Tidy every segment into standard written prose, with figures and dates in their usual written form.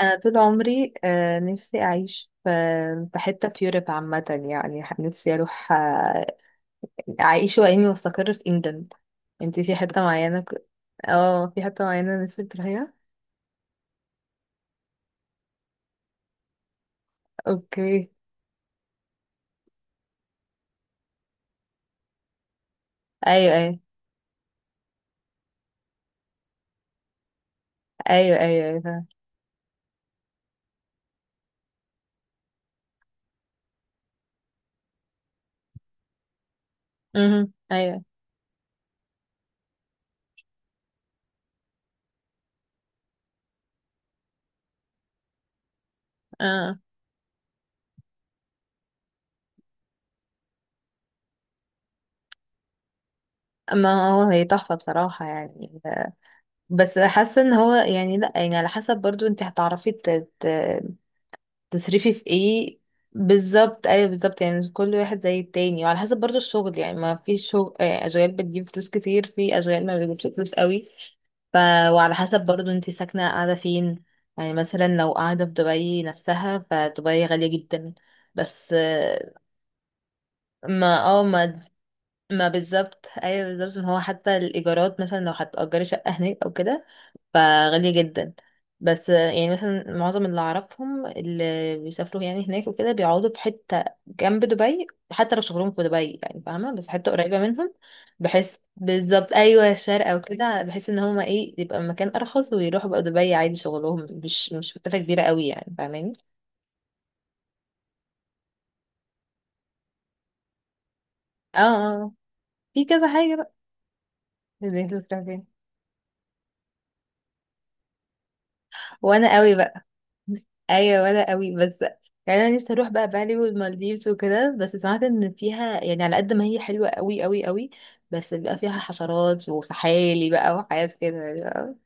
انا طول عمري نفسي اعيش في حته في يوروب عامه. يعني نفسي اروح، اعيش واني واستقر في انجلند. انتي في حته معينه اه، في حته معينه نفسك تروحيها. اوكي، ايوه ايوه ايوه ايوه ايوه، فاهمة. مهم. ايوه. اه، ما هو هي تحفه بصراحه يعني. بس حاسه ان هو يعني، لا، يعني على حسب برضو انت هتعرفي ت... تصريفي في ايه. بالظبط، ايوه بالظبط، يعني كل واحد زي التاني، وعلى حسب برضو الشغل، يعني ما في شغل، اشغال بتجيب فلوس كتير، في اشغال ما بتجيبش فلوس قوي. ف وعلى حسب برضو انت ساكنه قاعده فين، يعني مثلا لو قاعده في دبي نفسها، فدبي غاليه جدا، بس. ما اه ما ما بالظبط، ايوه بالظبط، ان هو حتى الايجارات مثلا لو هتأجري شقه هناك او كده فغالية جدا. بس آه، يعني مثلا معظم اللي أعرفهم اللي بيسافروا يعني هناك وكده بيقعدوا في حتة جنب دبي حتى لو شغلهم في دبي، يعني فاهمة، بس حتة قريبة منهم. بحيث بالظبط، أيوة، شارقة وكده، بحيث إن هما إيه، يبقى مكان أرخص ويروحوا بقى دبي عادي، شغلهم مش مسافة كبيرة قوي، يعني فاهماني. اه، اه، آه. في كذا حاجة بقى، زي انت بتروح فين. وأنا قوي بقى، ايوه، ولا قوي، بس يعني انا نفسي اروح بقى بالي والمالديفز وكده، بس سمعت ان فيها، يعني على قد ما هي حلوه قوي قوي قوي، بس بيبقى فيها حشرات وسحالي بقى وحاجات كده يعني.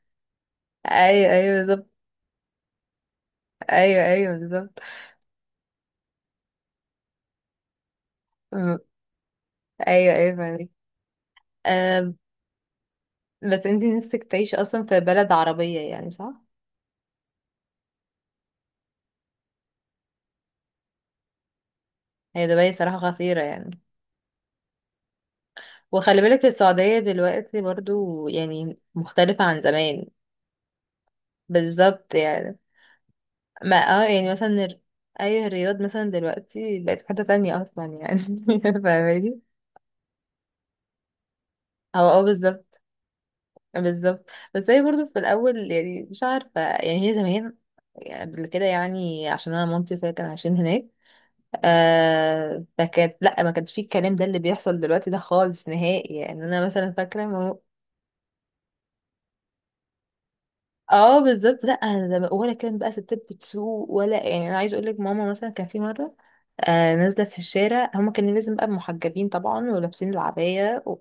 ايوه ايوه بالظبط. ايوه ايوه بالظبط. أم، ايوه ايوه فاهمك. أم، بس انتي نفسك تعيشي اصلا في بلد عربيه، يعني صح؟ هي دبي صراحه خطيره يعني. وخلي بالك السعوديه دلوقتي برضو يعني مختلفه عن زمان. بالظبط يعني. ما يعني مثلا اي، الرياض مثلا دلوقتي بقت في حتة تانية اصلا يعني. فاهماني. هو بالظبط، بالظبط. بس هي برضه في الاول، يعني مش عارفة، يعني هي زمان قبل كده، يعني عشان انا مامتي وكده كانوا عايشين هناك. فكانت، لا، ما كانش فيه الكلام ده اللي بيحصل دلوقتي ده خالص نهائي. يعني انا مثلا فاكرة ما. اه بالظبط، لا، أنا ولا كان بقى ستات بتسوق، ولا، يعني انا عايز اقول لك ماما مثلا كان في مرة نازلة في الشارع، هما كانوا لازم بقى محجبين طبعا ولابسين العباية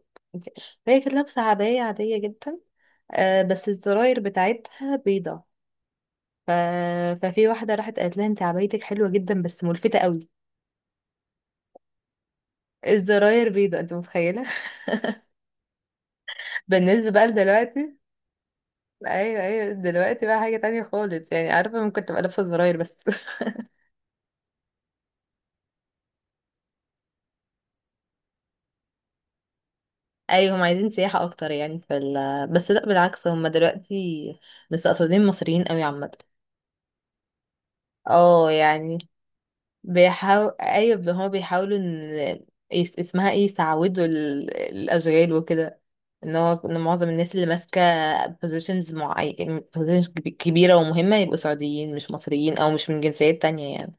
فهي كانت لابسة عباية عادية جدا، بس الزراير بتاعتها بيضة. ف... ففي واحدة راحت قالت لها انت عبايتك حلوة جدا بس ملفتة قوي. الزراير بيضة، انت متخيلة؟ بالنسبة بقى لدلوقتي، ايوه ايوه دلوقتي بقى حاجة تانية خالص، يعني عارفة ممكن تبقى لابسة زراير بس. ايوه هم عايزين سياحة اكتر يعني في بس لا، بالعكس، هم دلوقتي مستقصدين مصريين قوي عامة. اه يعني بيحاول. ايوه هما بيحاولوا ان اسمها ايه، يسعودوا الاشغال وكده. ان هو ان معظم الناس اللي ماسكه بوزيشنز معين، بوزيشنز كبيره ومهمه يبقوا سعوديين، مش مصريين او مش من جنسيات تانية يعني.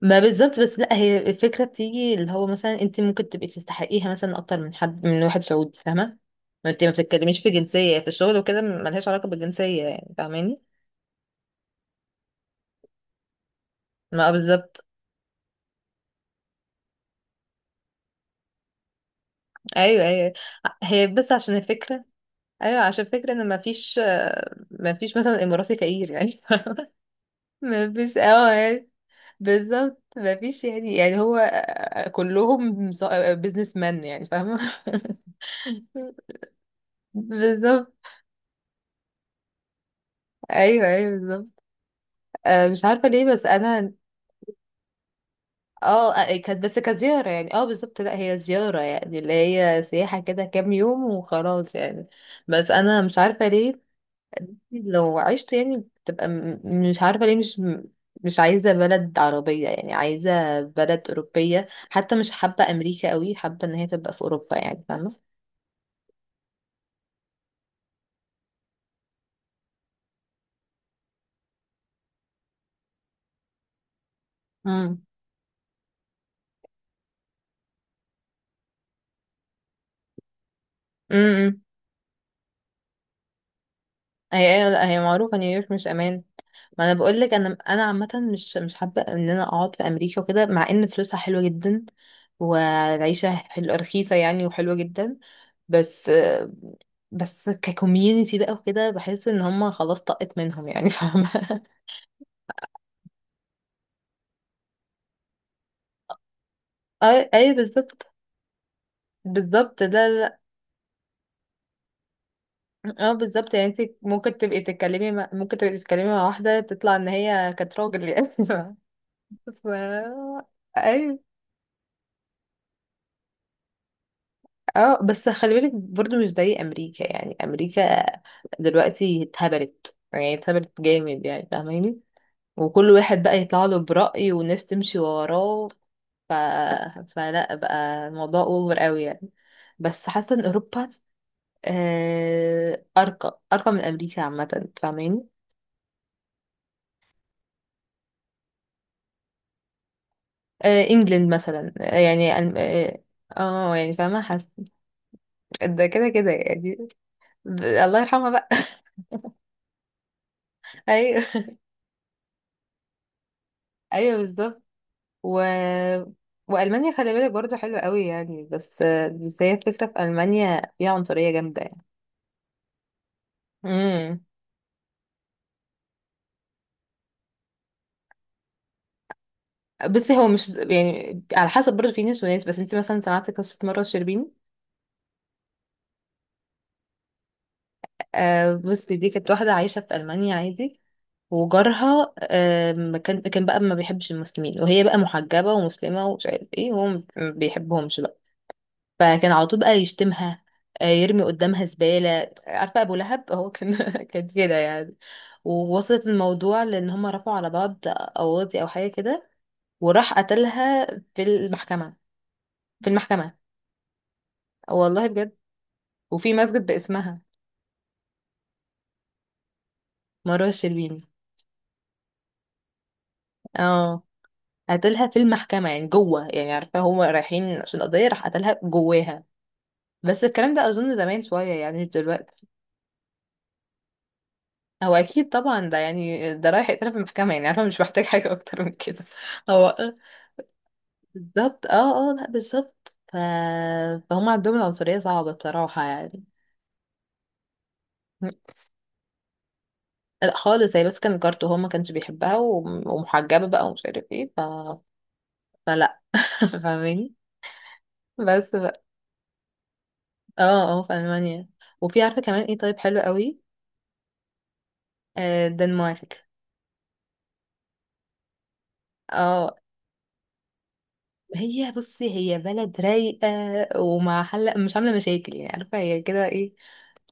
ما بالظبط. بس لا، هي الفكره بتيجي اللي هو مثلا انت ممكن تبقي تستحقيها مثلا اكتر من حد، من واحد سعودي، فاهمه. ما انت ما بتتكلميش في جنسيه في الشغل وكده، ملهاش علاقه بالجنسيه يعني، فاهماني. ما بالظبط، ايوه ايوه. هي بس عشان الفكرة، ايوه عشان فكرة ان مفيش، مفيش مثلا اماراتي فقير يعني. مفيش، اه، يعني بالظبط، مفيش يعني، يعني هو، كلهم بيزنس مان يعني، فاهمة. بالظبط، ايوه ايوه بالظبط. مش عارفة ليه، بس انا. اه كانت بس كزيارة يعني، اه بالظبط، لا هي زيارة يعني اللي هي سياحة كده كام يوم وخلاص يعني. بس انا مش عارفة ليه لو عشت يعني، بتبقى مش عارفة ليه، مش مش عايزة بلد عربية يعني، عايزة بلد أوروبية، حتى مش حابة أمريكا قوي، حابة إن هي تبقى في أوروبا يعني، فاهة. امم. امم. هي هي لا، هي معروفة نيويورك مش أمان. ما أنا بقول لك، أنا عامة مش حابة إن أنا أقعد في أمريكا وكده، مع إن فلوسها حلوة جدا والعيشة حلوة رخيصة يعني وحلوة جدا، بس. بس ككوميونيتي بقى وكده بحس إن هما خلاص طقت منهم يعني. فاهمة. اي اي بالظبط. بالظبط، لا لا لا. اه بالظبط، يعني انت ممكن تبقي تتكلمي ممكن تبقي تتكلمي مع واحدة تطلع ان هي كانت راجل يعني. ف اي، اه بس خلي بالك برضو مش زي امريكا يعني، امريكا دلوقتي اتهبلت يعني اتهبلت جامد يعني فاهماني. وكل واحد بقى يطلع له برأي والناس تمشي وراه. ف... فلا بقى الموضوع اوفر قوي يعني. بس حاسة ان اوروبا أرقى، أرقى من أمريكا عامة، فاهماني. إنجلند مثلا، يعني اه. يعني، فاهمة، حاسة ده كده كده يعني. الله يرحمها بقى. أيوه، أيوه بالظبط. و... وألمانيا خلي بالك برضه حلوة قوي يعني، بس هي الفكرة في ألمانيا فيها عنصرية جامدة يعني. امم. بصي هو مش يعني على حسب برضه، في ناس وناس، بس انت مثلا سمعت قصة مرة شربيني؟ بصي، دي كانت واحدة عايشة في ألمانيا عادي، وجارها كان بقى ما بيحبش المسلمين، وهي بقى محجبة ومسلمة ومش عارف ايه، وهو ما بيحبهمش بقى. فكان على طول بقى يشتمها، يرمي قدامها زبالة، عارفة؟ أبو لهب هو كان، كان كده يعني. ووصلت الموضوع لأن هما رفعوا على بعض قواضي أو حاجة كده، وراح قتلها في المحكمة. في المحكمة، والله بجد. وفي مسجد باسمها، مروة الشربيني. اه، قتلها في المحكمة، يعني جوه، يعني عارفة هما رايحين عشان قضية، راح قتلها جواها. بس الكلام ده اظن زمان شويه يعني، مش دلوقتي. هو اكيد طبعا، ده يعني، ده رايح يتقال في المحكمه يعني، انا مش محتاج حاجه اكتر من كده. هو بالظبط، اه اه، لا بالظبط فهم عندهم العنصريه صعبه بصراحه يعني. لا خالص، هي بس كان كارت، وهو ما كانش بيحبها، ومحجبه بقى ومش عارف ايه فلا. فاهماني. بس بقى. اه اه في المانيا، وفي عارفه كمان ايه، طيب حلو قوي. الدنمارك. اه، هي بصي، هي بلد رايقة وما حل، مش عاملة مشاكل يعني، عارفة هي كده ايه،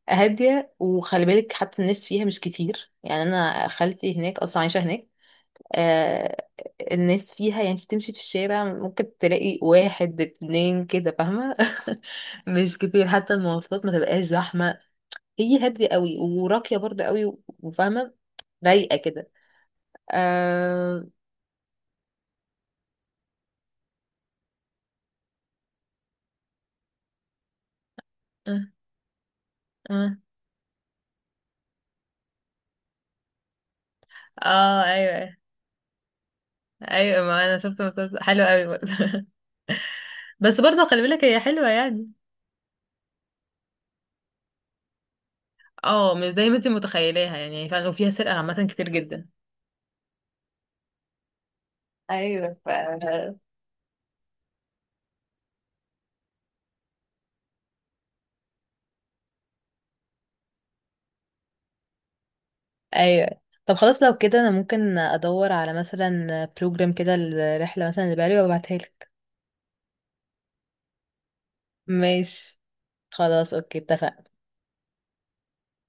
هادية. وخلي بالك حتى الناس فيها مش كتير، يعني أنا خالتي هناك أصلا، عايشة هناك. آه الناس فيها يعني، تمشي في الشارع ممكن تلاقي واحد اتنين كده، فاهمة. مش كتير، حتى المواصلات ما تبقاش زحمة، هي هادية قوي وراقية برضه قوي، وفاهمة، رايقة كده. آه. آه. آه. اه، ايوه ايوه، ما انا شفت مسلسل حلو قوي برضه. بس برضه خلي بالك هي حلوة يعني، اه مش زي ما انت متخيلاها يعني فعلا، وفيها سرقة عامة كتير جدا. ايوه ايوه. طب خلاص لو كده انا ممكن ادور على مثلا بروجرام كده الرحله مثلا اللي بالي وابعتها لك. ماشي. خلاص اوكي اتفقنا.